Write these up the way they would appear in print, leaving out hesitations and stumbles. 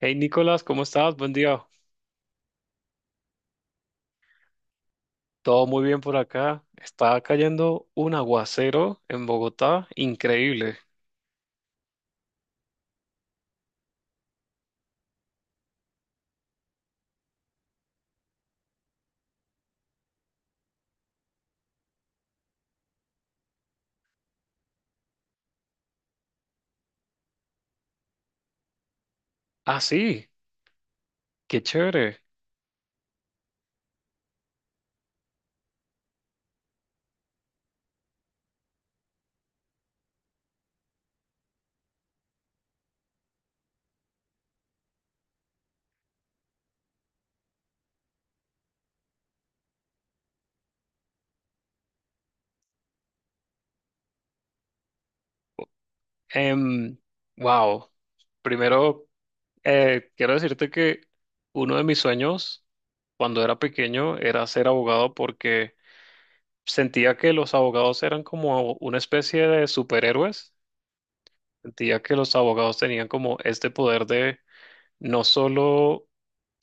Hey Nicolás, ¿cómo estás? Buen día. Todo muy bien por acá. Está cayendo un aguacero en Bogotá, increíble. Ah, sí, qué chévere. Em, wow. Primero, quiero decirte que uno de mis sueños cuando era pequeño era ser abogado porque sentía que los abogados eran como una especie de superhéroes. Sentía que los abogados tenían como este poder de no solo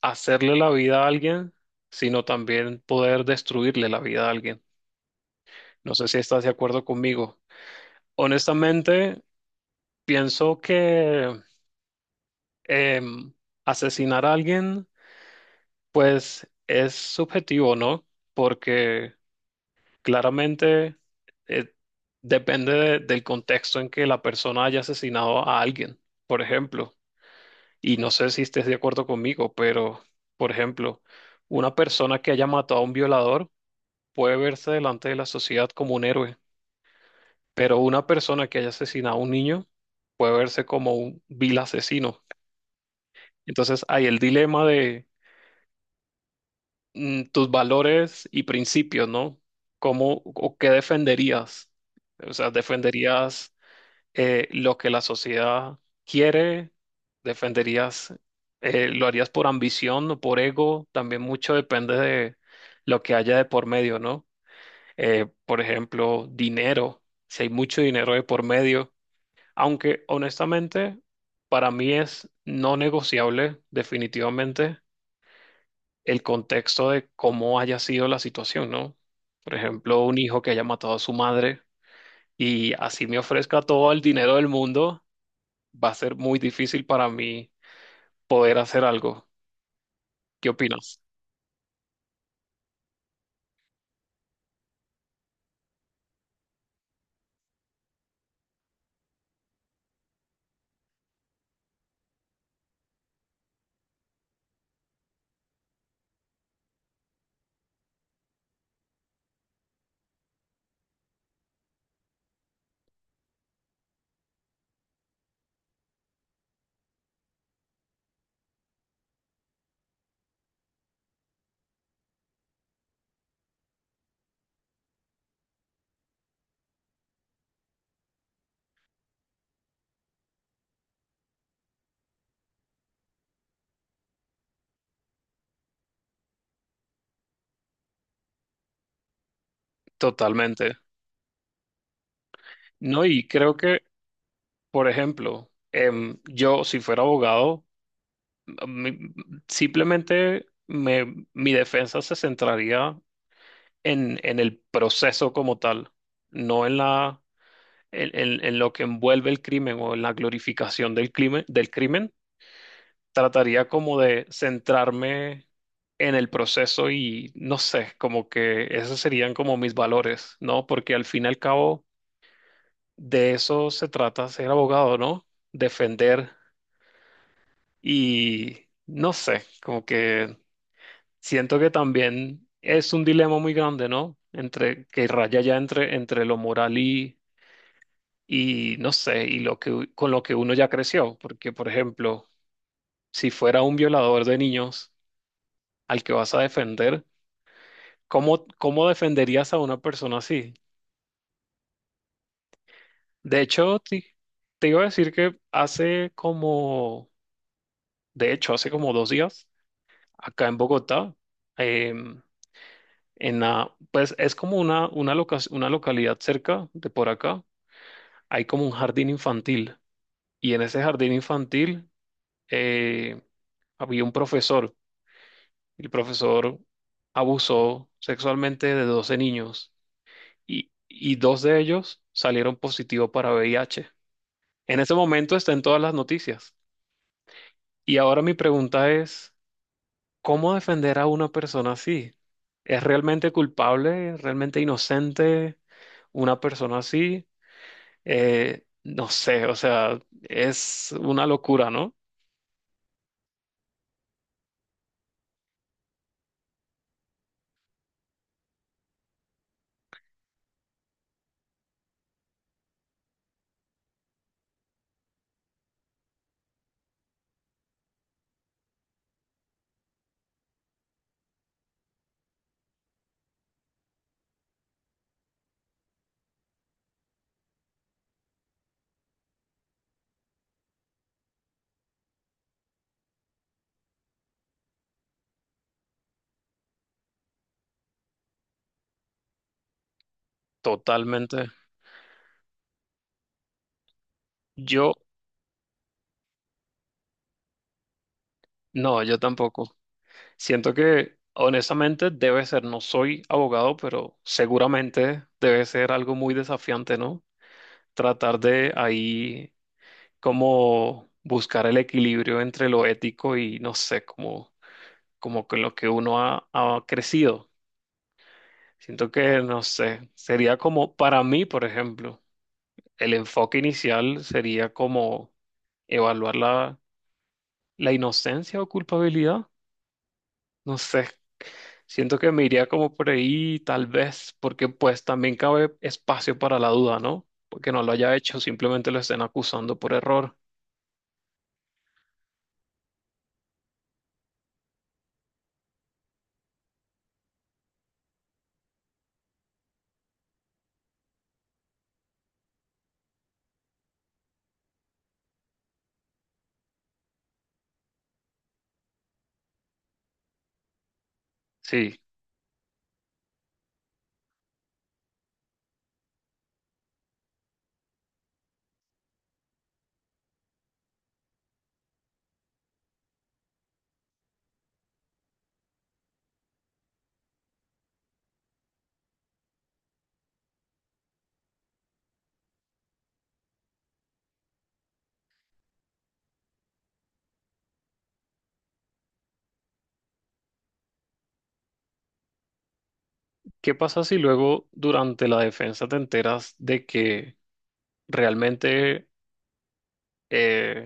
hacerle la vida a alguien, sino también poder destruirle la vida a alguien. No sé si estás de acuerdo conmigo. Honestamente, pienso que em, asesinar a alguien, pues es subjetivo, ¿no? Porque claramente eh, depende del contexto en que la persona haya asesinado a alguien, por ejemplo. Y no sé si estés de acuerdo conmigo, pero, por ejemplo, una persona que haya matado a un violador, puede verse delante de la sociedad como un héroe, pero una persona que haya asesinado a un niño puede verse como un vil asesino. Entonces hay el dilema de tus valores y principios, ¿no? ¿Cómo o qué defenderías? O sea, ¿defenderías lo que la sociedad quiere? ¿Defenderías, lo harías por ambición o por ego? También mucho depende de lo que haya de por medio, ¿no? Por ejemplo, dinero, si hay mucho dinero de por medio, aunque honestamente para mí es no negociable definitivamente el contexto de cómo haya sido la situación, ¿no? Por ejemplo, un hijo que haya matado a su madre y así me ofrezca todo el dinero del mundo, va a ser muy difícil para mí poder hacer algo. ¿Qué opinas? Totalmente. No, y creo que, por ejemplo, yo si fuera abogado, mi- simplemente mi defensa se centraría en el proceso como tal, no en la, en, en lo que envuelve el crimen o en la glorificación del crimen, del crimen. Trataría como de centrarme en el proceso y no sé, como que esos serían como mis valores, ¿no? Porque al fin y al cabo de eso se trata ser abogado, ¿no? Defender y no sé, como que siento que también es un dilema muy grande, ¿no? Entre que raya ya entre, entre lo moral y no sé, y lo que con lo que uno ya creció. Porque, por ejemplo, si fuera un violador de niños al que vas a defender, ¿cómo, cómo defenderías a una persona así? De hecho, te, iba a decir que hace como, de hecho, hace como dos días, acá en Bogotá, em, en la, pues es como una, una localidad cerca de por acá hay como un jardín infantil y en ese jardín infantil eh, había un profesor. El profesor abusó sexualmente de 12 niños y dos de ellos salieron positivos para VIH. En ese momento está en todas las noticias. Y ahora mi pregunta es, ¿cómo defender a una persona así? ¿Es realmente culpable? ¿Realmente inocente una persona así? No sé, o sea, es una locura, ¿no? Totalmente. Yo, no, yo tampoco. Siento que, honestamente, debe ser, no soy abogado, pero seguramente debe ser algo muy desafiante, ¿no? Tratar de ahí como buscar el equilibrio entre lo ético y, no sé, como, como con lo que uno ha, ha crecido. Siento que, no sé, sería como, para mí, por ejemplo, el enfoque inicial sería como evaluar la, la inocencia o culpabilidad. No sé, siento que me iría como por ahí, tal vez, porque pues también cabe espacio para la duda, ¿no? Porque no lo haya hecho, simplemente lo estén acusando por error. Sí. ¿Qué pasa si luego durante la defensa te enteras de que realmente eh,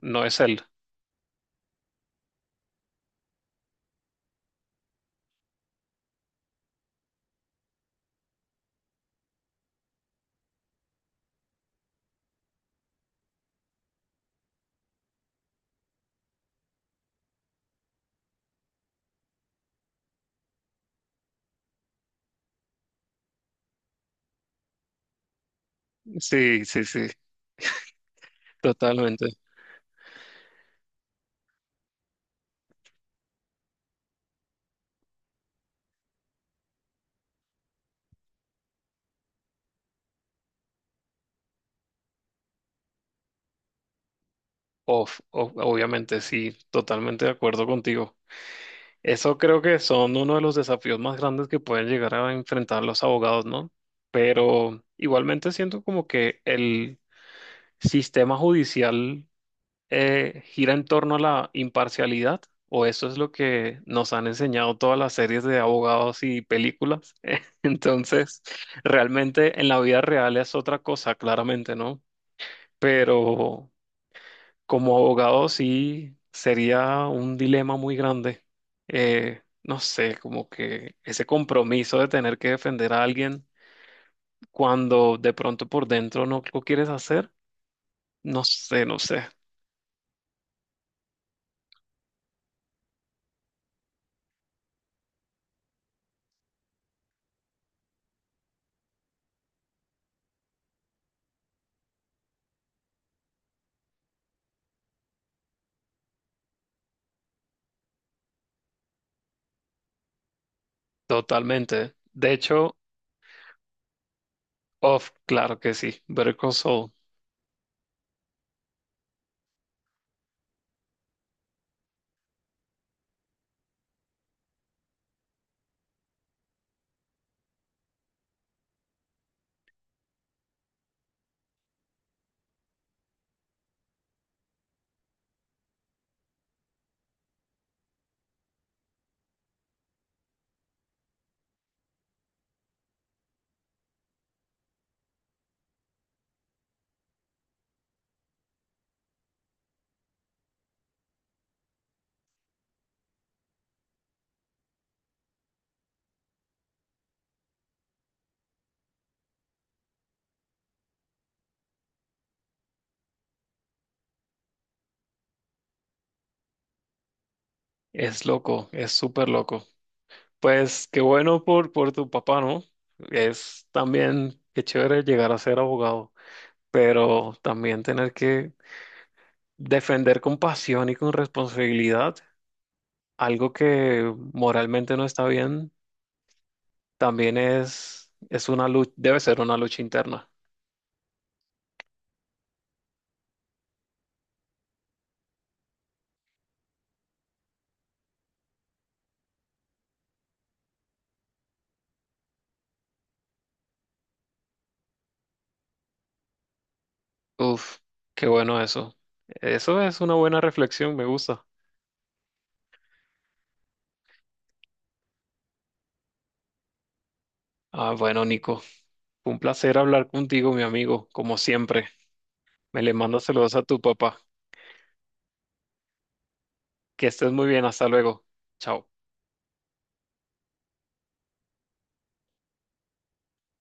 no es él? Sí, sí, sí, totalmente. Obviamente, sí, totalmente de acuerdo contigo. Eso creo que son uno de los desafíos más grandes que pueden llegar a enfrentar los abogados, ¿no? Pero igualmente siento como que el sistema judicial gira en torno a la imparcialidad, o eso es lo que nos han enseñado todas las series de abogados y películas. Entonces, realmente en la vida real es otra cosa, claramente, ¿no? Pero como abogado sí sería un dilema muy grande. No sé, como que ese compromiso de tener que defender a alguien cuando de pronto por dentro no lo quieres hacer, no sé, no sé, totalmente. De hecho, off, claro que sí, Better Call Saul es loco, es súper loco. Pues qué bueno por tu papá, ¿no? Es también, qué chévere llegar a ser abogado, pero también tener que defender con pasión y con responsabilidad algo que moralmente no está bien, también es una lucha, debe ser una lucha interna. Uf, qué bueno eso. Eso es una buena reflexión, me gusta. Ah, bueno, Nico, fue un placer hablar contigo, mi amigo, como siempre. Me le mando saludos a tu papá. Que estés muy bien, hasta luego. Chao.